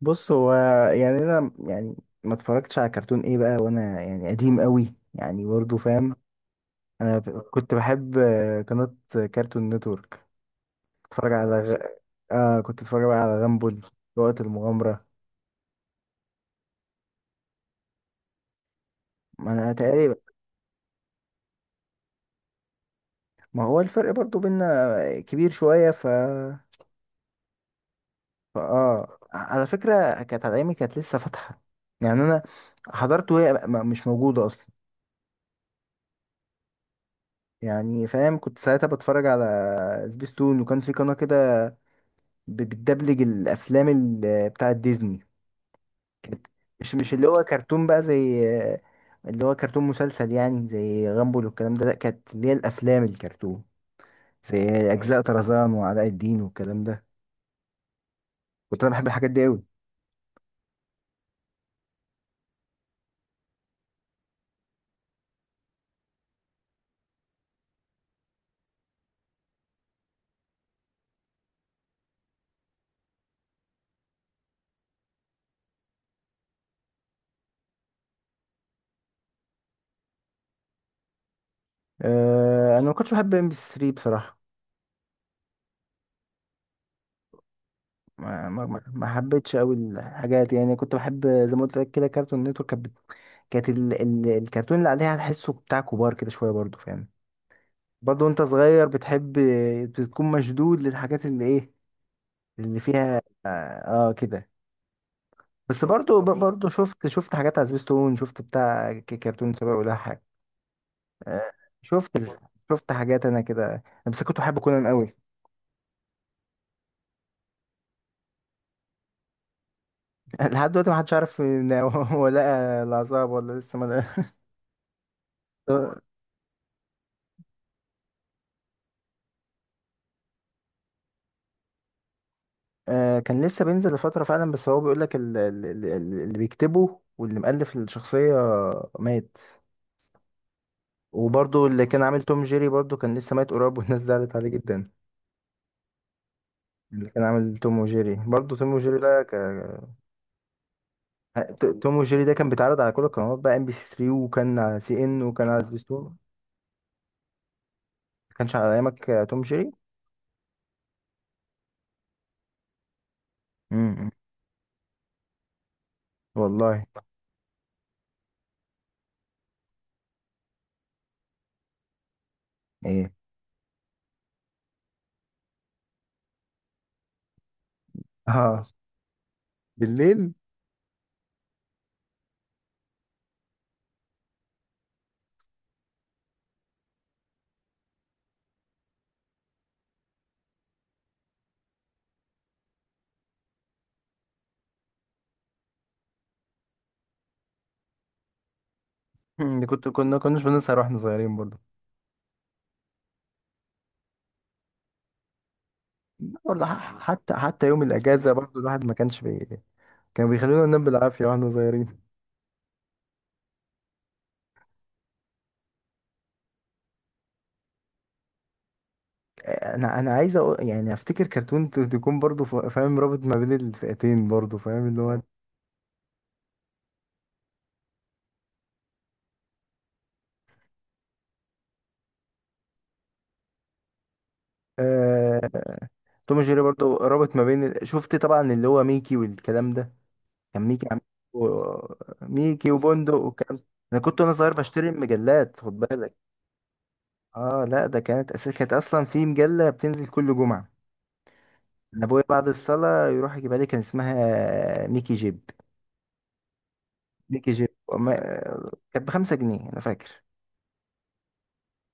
بص هو، يعني انا ما اتفرجتش على كرتون ايه بقى، وانا يعني قديم قوي يعني، برضه فاهم. انا كنت بحب قناة كارتون نتورك. اتفرج على غ... آه كنت اتفرج بقى على غامبول، وقت المغامرة. ما انا تقريبا، ما هو الفرق برضه بينا كبير شوية. فا على فكرة كانت على ايامي كانت لسه فاتحة. يعني انا حضرته وهي مش موجودة اصلا. يعني فاهم، كنت ساعتها بتفرج على سبيستون، وكان في قناة كده بتدبلج الافلام بتاعت ديزني. كانت مش اللي هو كرتون بقى زي اللي هو كرتون مسلسل يعني زي غامبول والكلام ده، لا كانت اللي هي الافلام الكرتون، زي ايوه اجزاء ايوه طرزان وعلاء الدين والكلام ده. كنت انا بحب الحاجات دي قوي. أه انا ما كنتش بحب ام بي 3 بصراحه. ما حبيتش قوي الحاجات، يعني كنت بحب زي ما قلت لك كده كرتون نتورك، كانت الكرتون اللي عليها تحسه بتاع كبار كده شويه، برضه فاهم. برضه وانت صغير بتحب، بتكون مشدود للحاجات اللي ايه، اللي فيها كده. بس برضه برضه شفت حاجات على سبيستون، شفت بتاع كرتون سابق ولا حاجة. آه شفت ال- شفت حاجات انا كده، انا بس كنت بحب كونان قوي. لحد دلوقتي محدش عارف ان هو لقى العذاب ولا لسه ما لقى. آه كان لسه بينزل لفترة فعلا، بس هو بيقول لك اللي بيكتبه واللي مؤلف الشخصية مات. وبرضو اللي كان عامل توم جيري برضو كان لسه ميت قريب، والناس زعلت عليه جدا. اللي كان عامل توم وجيري، برضو توم وجيري ده توم وجيري ده كان بيتعرض على كل القنوات بقى، ام بي سي 3، وكان على سي ان، وكان على سبيستون. ما كانش على ايامك توم جيري. امم، والله. ايه. اه، بالليل. كنت، كناش بنسهر واحنا صغيرين برضو. برضو حتى يوم الاجازه برضو الواحد ما كانش كانوا بيخلونا ننام بالعافيه واحنا صغيرين. انا عايز أقول يعني افتكر كرتون تكون برضو فاهم رابط ما بين الفئتين، برضو فاهم اللي هو. آه... توم جيري برضو رابط ما بين شفت طبعا اللي هو ميكي والكلام ده. كان ميكي عم... و... ميكي وبندق والكلام. انا كنت وانا صغير بشتري المجلات، خد بالك. اه لا ده كانت كانت اصلا في مجلة بتنزل كل جمعة. انا ابويا بعد الصلاة يروح يجيبها لي، كان اسمها ميكي جيب. ميكي جيب وما... كانت بخمسة جنيه انا فاكر.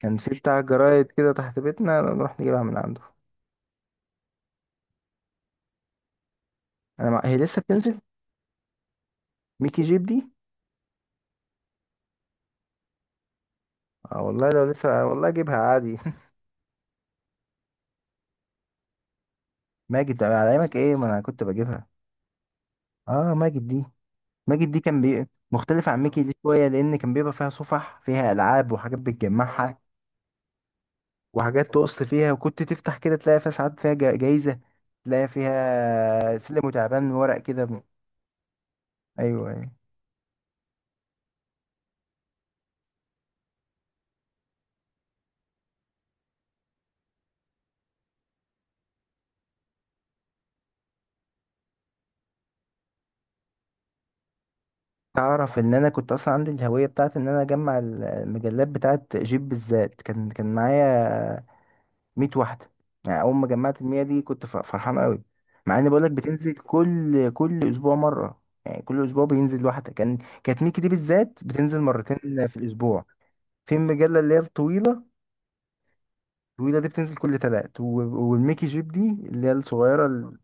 كان في بتاع جرايد كده تحت بيتنا نروح نجيبها من عنده. هي لسه بتنزل ميكي جيب دي. اه والله لو لسه، آه والله اجيبها عادي. ماجد ده على ايامك ايه، ما انا كنت بجيبها. اه ماجد دي، ماجد دي كان مختلفة عن ميكي دي شوية، لان كان بيبقى فيها صفح، فيها العاب وحاجات بتجمعها، وحاجات تقص فيها، وكنت تفتح كده تلاقي فيها ساعات فيها جايزة، تلاقي فيها سلم وتعبان ورق كده. ايوه أيوة. تعرف ان انا كنت اصلا عندي الهوية بتاعت ان انا اجمع المجلات بتاعت جيب بالذات، كان كان معايا 100 واحدة. يعني اول ما جمعت المية دي كنت فرحان قوي. مع ان بقولك بتنزل كل اسبوع مرة، يعني كل اسبوع بينزل واحدة، كان. كانت ميكي دي بالذات بتنزل مرتين في الاسبوع، في المجلة اللي هي الطويلة. الطويلة دي بتنزل كل تلات و... والميكي جيب دي اللي هي الصغيرة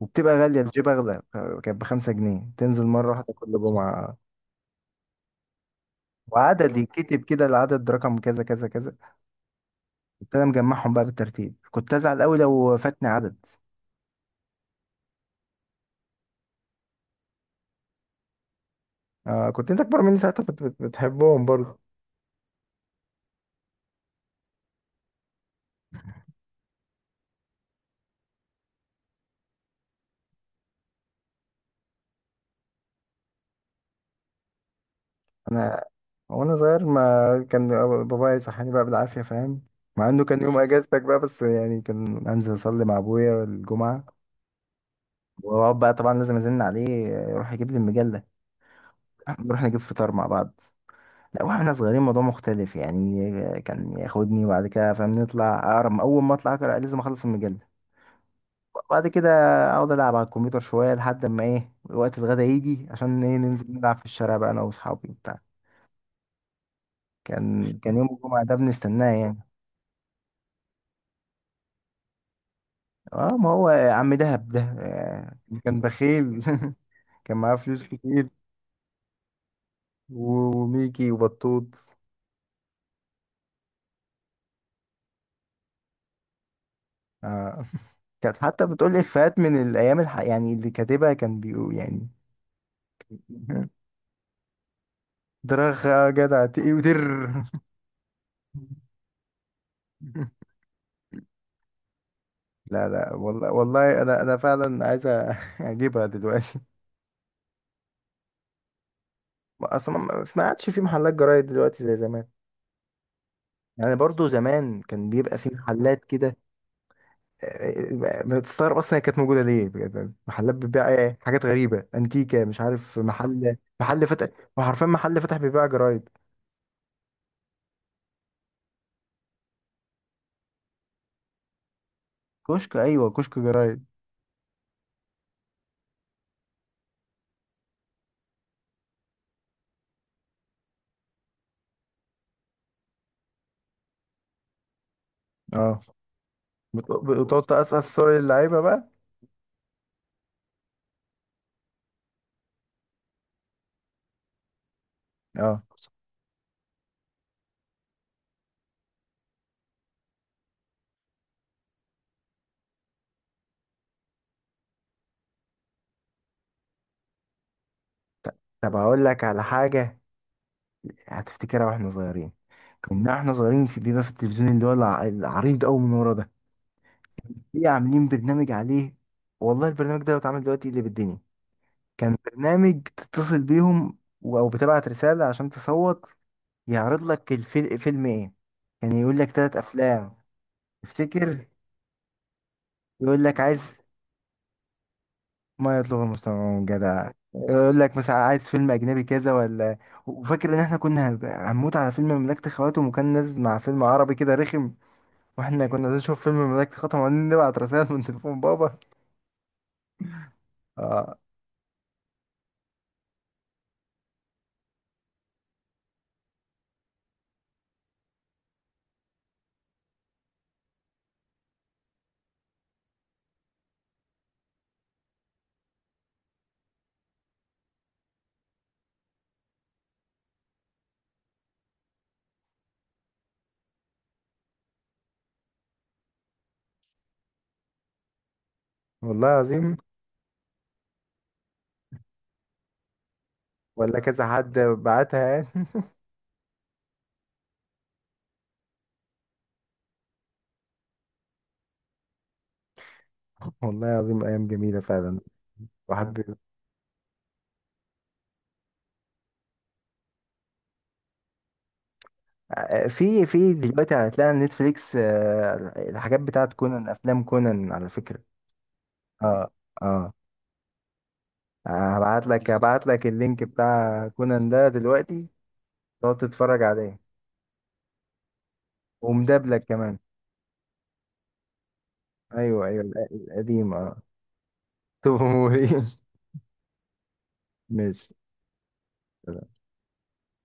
وبتبقى غالية، الجيب اغلى. كانت بخمسة جنيه، تنزل مرة واحدة كل جمعة. وعددي كتب كده، العدد رقم كذا كذا كذا. كنت انا مجمعهم بقى بالترتيب، كنت ازعل قوي لو فاتني عدد. آه كنت انت اكبر مني ساعتها، كنت بتحبهم برضه. انا وانا صغير، ما كان بابايا يصحاني بقى بالعافيه فاهم، مع انه كان يوم اجازتك بقى، بس يعني كان انزل اصلي مع ابويا الجمعه، واقعد بقى طبعا لازم ازن عليه يروح يجيب لي المجله. نروح نجيب فطار مع بعض. لا واحنا صغيرين موضوع مختلف يعني، كان ياخدني وبعد كده فاهم نطلع اقرا، اول ما اطلع اقرا لازم اخلص المجله، وبعد كده اقعد العب على الكمبيوتر شويه لحد ما ايه وقت الغدا يجي، عشان ايه ننزل نلعب في الشارع بقى انا واصحابي وبتاع. كان كان يوم الجمعه ده بنستناه يعني. اه ما هو عم دهب ده، كان بخيل. كان معاه فلوس كتير، وميكي وبطوط. آه. كانت حتى بتقول لي افيهات من الايام يعني اللي كاتبها كان بيقول يعني. درخ يا جدع تقي ودر. لا لا والله والله، انا انا فعلا عايز اجيبها دلوقتي. اصلا ما ما عادش في محلات جرايد دلوقتي زي زمان، يعني برضو زمان كان بيبقى في محلات كده. ما تستغرب، اصلا هي كانت موجوده ليه بجد؟ يعني محلات بتبيع إيه؟ حاجات غريبه انتيكه مش عارف، محل فتح، وحرفيا محل فتح بيبيع جرايد. كشك، ايوه كشك جرايد. اه وتقعد تقصقص صور اللعيبه بقى. اه طب هقول لك على حاجه، هتفتكرها واحنا صغيرين. كنا احنا صغيرين، في بيبقى في التلفزيون اللي هو العريض قوي من ورا ده، في عاملين برنامج عليه، والله البرنامج ده بيتعمل دلوقتي اللي بالدنيا. كان برنامج تتصل بيهم او بتبعت رسالة عشان تصوت، يعرض لك الفيلم، فيلم ايه. كان يقول لك ثلاث افلام، تفتكر، يقول لك عايز، ما يطلب المستمعون جدع، يقول لك مثلا عايز فيلم اجنبي كذا ولا. وفاكر ان احنا كنا هنموت على فيلم مملكة خواتم، وكان نازل مع فيلم عربي كده رخم. واحنا كنا عايزين نشوف فيلم مملكة خواتم، وبعدين نبعت رسائل من تليفون بابا. اه والله العظيم، ولا كذا حد بعتها يعني. والله العظيم ايام جميله فعلا. آه. واحد، في في دلوقتي يعني هتلاقي على نتفليكس، الحاجات بتاعت كونان، افلام كونان على فكره. اه اه، هبعت لك اللينك بتاع كونان ده دلوقتي، تقعد تتفرج عليه، ومدبلك كمان. ايوه القديم اه. توم وموري. ماشي.